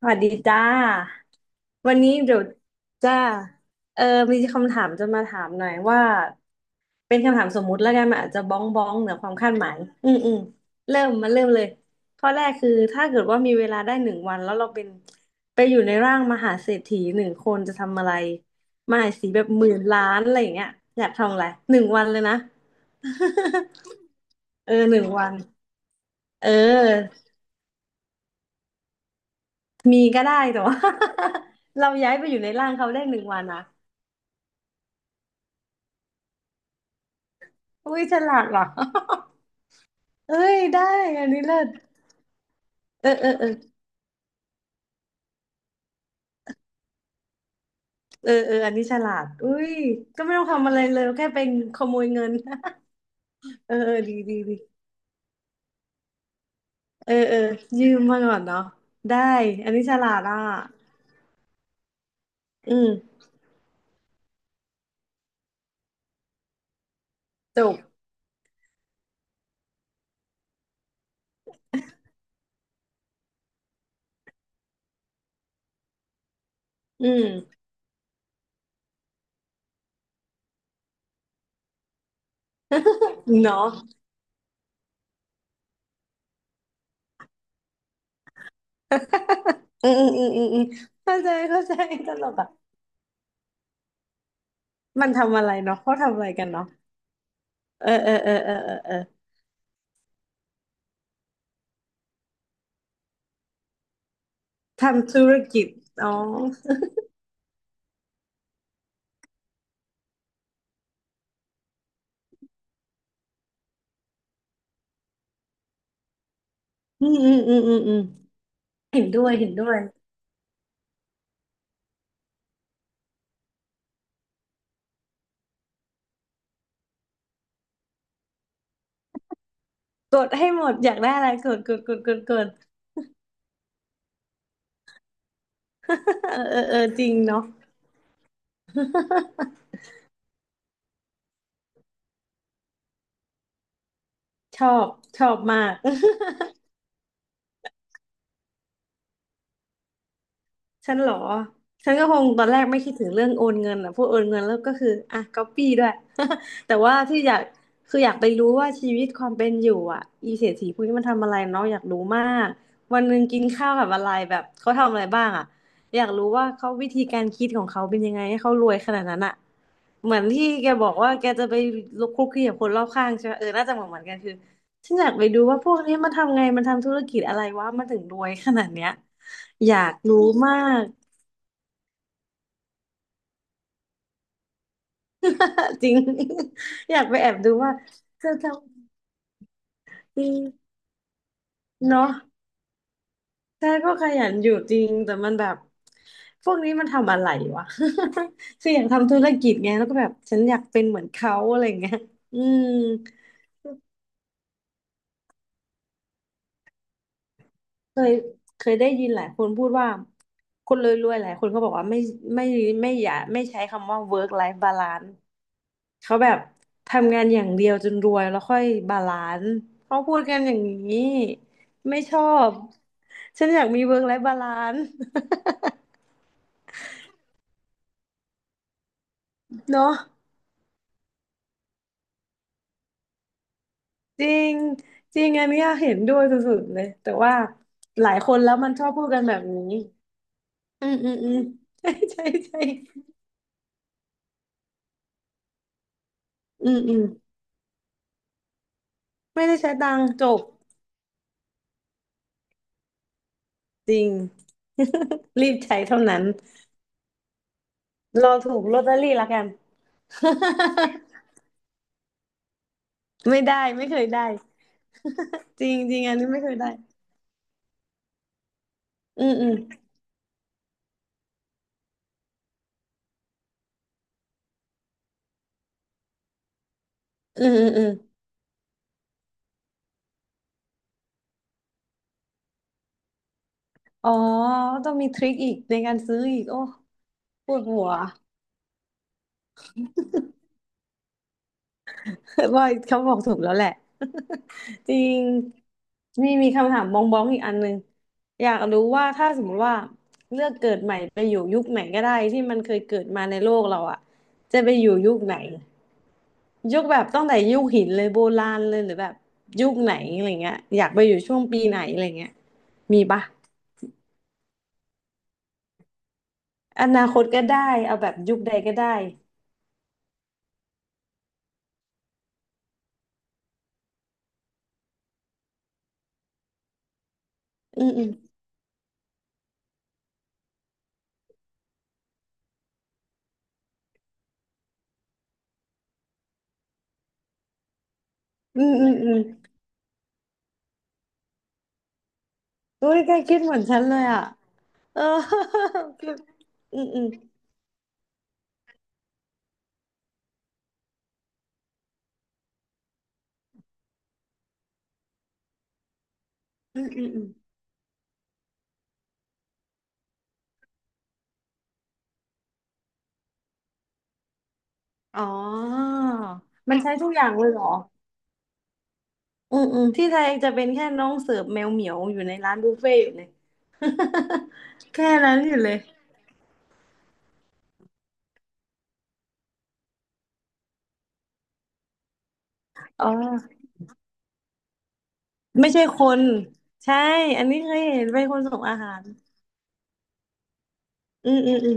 สวัสดีจ้าวันนี้เดี๋ยวจ้าเออมีคำถามจะมาถามหน่อยว่าเป็นคำถามสมมุติแล้วกันมันอาจจะบ้องบ้องเหนือความคาดหมายอืมอืมเริ่มมาเริ่มเลยข้อแรกคือถ้าเกิดว่ามีเวลาได้หนึ่งวันแล้วเราเป็นไปอยู่ในร่างมหาเศรษฐีหนึ่งคนจะทำอะไรมหาเศรษฐีแบบหมื่นล้านอะไรอย่างเงี้ยอยากทำอะไรหนึ่งวันเลยนะ เออหนึ่งวันเออ มีก็ได้แต่ว่า เราย้ายไปอยู่ในร่างเขาได้หนึ่งวันอ่ะอุ้ยฉลาดว่ะ เอ้ยได้อันนี้เลิศเออเออเออเออเอออันนี้ฉลาดอุ้ยก็ไม่ต้องทำอะไรเลยแค่ไปขโมยเงิน เออเออดีดีดีเออเออยืมมาก่อนเนาะได้อันนี้ฉลาดอ่ะอืมจบอืมเนาะอืมอืมอืมอืมอเข้าใจเข้าใจตลกอ่ะมันทำอะไรเนาะเขาทำอะไรกันเนาะเออเออเออเออเออเออทำธุรกิจอ๋อ อืมอืมอืมอืมอืมเห็นด้วยเห็นด้วยกดให้หมดอยากได้อะไรกดกดกดกดกด เออเออเออจริงเนาะชอบชอบมาก ฉันเหรอฉันก็คงตอนแรกไม่คิดถึงเรื่องโอนเงินอ่ะพวกโอนเงินแล้วก็คืออ่ะก๊อปปี้ด้วย แต่ว่าที่อยากคืออยากไปรู้ว่าชีวิตความเป็นอยู่อ่ะอีเศรษฐีพวกนี้มันทำอะไรเนาะอยากรู้มากวันหนึ่งกินข้าวกับอะไรแบบเขาทำอะไรบ้างอ่ะอยากรู้ว่าเขาวิธีการคิดของเขาเป็นยังไงให้เขารวยขนาดนั้นอ่ะเหมือนที่แกบอกว่าแกจะไปลุกคลุกคลีกับคนรอบข้างใช่ไหมเออน่าจะเหมือนเหมือนกันคือฉันอยากไปดูว่าพวกนี้มันทำไงมันทำธุรกิจอะไรวะมันถึงรวยขนาดเนี้ย อยากรู้มาก จริง อยากไปแอบดูว่าเธอทำดีเนาะแต่ก็ขยันอยู่จริงแต่มันแบบพวกนี้มันทำอะไรวะ คืออยากทำธุรกิจไงแล้วก็แบบฉันอยากเป็นเหมือนเขาอะไรเงี้ยอืมเคยเคยได้ยินหลายคนพูดว่าคนรวยๆหลายคนก็บอกว่าไม่ไม่อย่าไม่ใช้คำว่า work life balance เขาแบบทำงานอย่างเดียวจนรวยแล้วค่อยบาลานซ์เขาพูดกันอย่างนี้ไม่ชอบฉันอยากมีเวิร์กไลฟ์บาลานซ์ เนาะจริงจริงอันเนี้ยเห็นด้วยสุดๆเลยแต่ว่าหลายคนแล้วมันชอบพูดกันแบบนี้อืมอืมอืม ใช่ใช่ใช่อืมอืมไม่ได้ใช้ตังค์จบจริง รีบใช้เท่านั้นรอถูกลอตเตอรี่ละกัน ไม่ได้ไม่เคยได้จริงจริงอันนี้ไม่เคยได้ อืมอืมอืมอืมอืมอ๋อต้องมีทริคอีกในการซื้ออีกโอ้ปวดหัว ว่าเขาบอกถูกแล้วแหละ จริงมีคำถามบองบองอีกอันหนึ่งอยากรู้ว่าถ้าสมมติว่าเลือกเกิดใหม่ไปอยู่ยุคไหนก็ได้ที่มันเคยเกิดมาในโลกเราอะจะไปอยู่ยุคไหนยุคแบบตั้งแต่ยุคหินเลยโบราณเลยหรือแบบยุคไหนอะไรเงี้ยอยากไปอยู่ช่วงปีไหนอะไรเงี้ยมีปะอนาคตก็ได้เอาแบบยุคใดก็ได้อืม อืมอืมอืมอุ้ยแกคิดเหมือนฉันเลยอ่ะเออ คืออืมอืมอืมอืมอืมอ๋อมันใช้ทุกอย่างเลยเหรออืมอืมที่ไทยจะเป็นแค่น้องเสิร์ฟแมวเหมียวอยู่ในร้านบุฟเฟ่ต์อยู่เลย แค่นั้นอยู่เลยอ๋อไม่ใช่คน ใช่ อันนี้เคยเห็นเป็นคนส่งอาหารอืมอืมอืม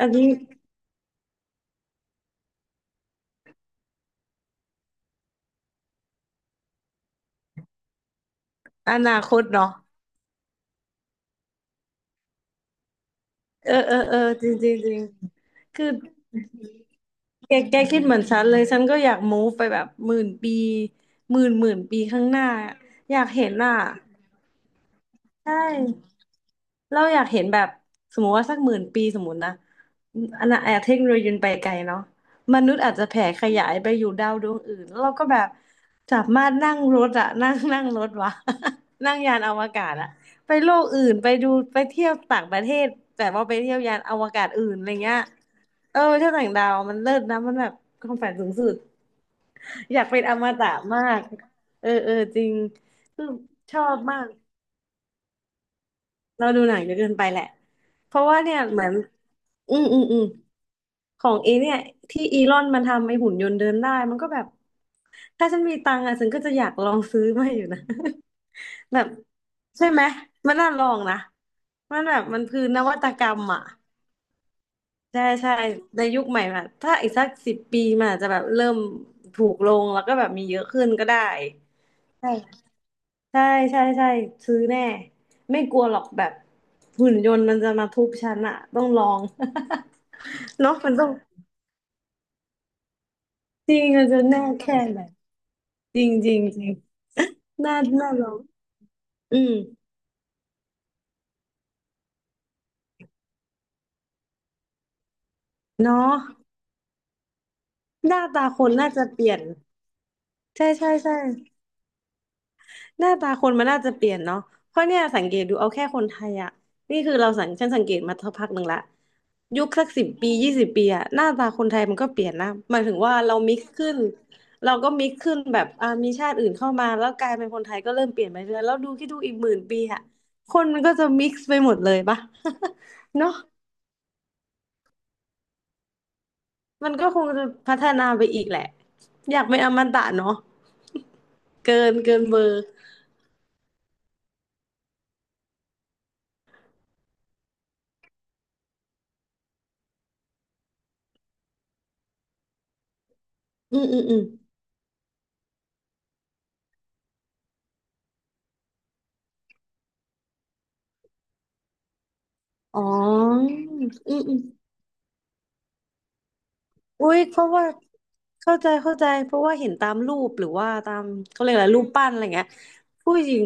อันนี้อนาคตเนาะเออเออเออจริงจริงจริงคือ แกคิดเหมือนฉันเลยฉันก็อยาก move ไปแบบหมื่นปีหมื่นปีข้างหน้าอยากเห็นอ่ะ ใช่ เราอยากเห็นแบบสมมติว่าสักหมื่นปีสมมตินะอันนั้นเทคโนโลยีมันไปไกลเนาะมนุษย์อาจจะแผ่ขยายไปอยู่ดาวดวงอื่นแล้วเราก็แบบสามารถนั่งรถอะนั่งนั่งรถวะ นั่งยานอวกาศอะไปโลกอื่นไปดูไปเที่ยวต่างประเทศแต่ว่าไปเที่ยวยานอวกาศอื่นอะไรเงี้ยเออไปเที่ยวต่างดาวมันเลิศนะมันแบบความฝันสูงสุดอยากเป็นอมตะมากเออเออจริงคือชอบมาก เราดูหนังเยอะเกินไปแหละ เพราะว่าเนี่ยเหมือนอืมอืมอืมของเอเนี่ยที่อีลอนมันทำไอ้หุ่นยนต์เดินได้มันก็แบบถ้าฉันมีตังค์อ่ะฉันก็จะอยากลองซื้อมาอยู่นะ แบบใช่ไหมมันน่าลองนะมันแบบมันคือนวัตกรรมอ่ะใช่ใช่ในยุคใหม่อะถ้าอีกสักสิบปีมันอาจจะแบบเริ่มถูกลงแล้วก็แบบมีเยอะขึ้นก็ได้ ใช่ใช่ใช่ซื้อแน่ไม่กลัวหรอกแบบหุ่นยนต์มันจะมาทุบฉันอะต้องลอง เนาะมันต้องจริงมันจะแน่แค่ไหนจริงจริงจริงน่าน่าลองอืมเนาะหน้าตาคนน่าจะเปลี่ยนใช่ใช่ใช่ หน้าตาคนมันน่าจะเปลี่ยนเนาะเพราะเนี่ยสังเกตดูเอาแค่คนไทยอะนี่คือเราสังฉันสังเกตมาสักพักหนึ่งละยุคสักสิบปียี่สิบปีอะหน้าตาคนไทยมันก็เปลี่ยนนะ หมายถึงว่าเรามิกซ์ขึ้นเราก็มิกซ์ขึ้นแบบอ่ามีชาติอื่นเข้ามาแล้วกลายเป็นคนไทยก็เริ่มเปลี่ยนไปเรื่อยแล้วดูคิดดูอีกหมื่นปีอะคนมันก็จะมิกซ์ไปหมดเลยปะ เนาะมันก็คงจะพัฒนาไปอีกแหละอยากเป็นอมตะเนาะเกินเบอร์อืมอืมอืมอ๋ออืมอืม อุ้ยเพราะว่าเข้าใจเข้าใจเพราะว่าเห็นตามรูปหรือว่าตามเขาเรียกอะไรรูปปั้นอะไรเงี้ยผู้หญิง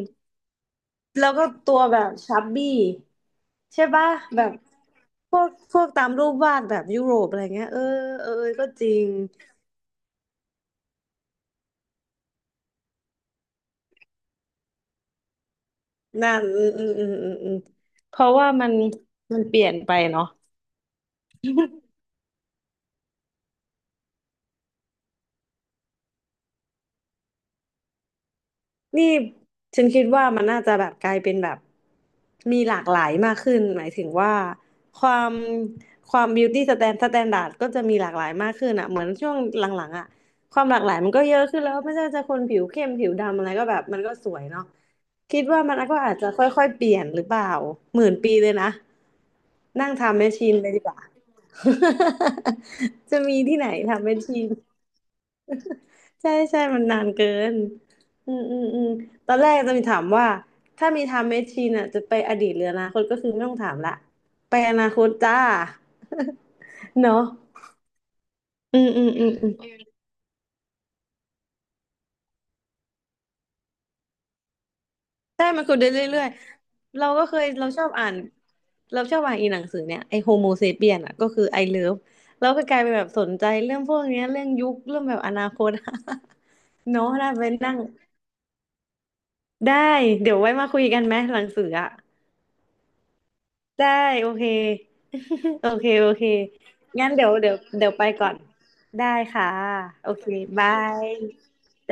แล้วก็ตัวแบบชับบี้ใช่ปะแบบพวกตามรูปวาดแบบยุโรปอะไรเงี้ยเออเออเออก็จริงนั่นอืมอืมอืมอืมอืมเพราะว่ามันเปลี่ยนไปเนาะ นี่ฉันคิดว่ามันน่าจะแบบกลายเป็นแบบมีหลากหลายมากขึ้นหมายถึงว่าความความ beauty standard ก็จะมีหลากหลายมากขึ้นอ่ะเหมือนช่วงหลังๆอ่ะความหลากหลายมันก็เยอะขึ้นแล้วไม่ใช่ว่าจะคนผิวเข้มผิวดำอะไรก็แบบมันก็สวยเนาะคิดว่ามันก็อาจจะค่อยๆเปลี่ยนหรือเปล่าหมื่นปีเลยนะนั่งทำแมชชีนไปดีกว่า จะมีที่ไหนทำแมชชีน ใช่ใช่มันนานเกินอืมอืมอืมตอนแรกจะมีถามว่าถ้ามีไทม์แมชชีนอ่ะจะไปอดีตหรืออนาคตก็คือไม่ต้องถามละไปอนาคตจ้า เนาะอืมอืมอืมอืมใช่มันคุยได้เรื่อยๆเราก็เคยเราชอบอ่านเราชอบอ่านอีหนังสือเนี่ยไอโฮโมเซเปียนอ่ะก็คือไอเลิฟเราก็กลายเป็นแบบสนใจเรื่องพวกเนี้ยเรื่องยุคเรื่องแบบอนาคต เนาะถ้าไปนั่งได้เดี๋ยวไว้มาคุยกันไหมหลังสืออ่ะ ได้โอเค โอเคโอเคงั้นเดี๋ยวไปก่อนได้ค่ะโอเคบาย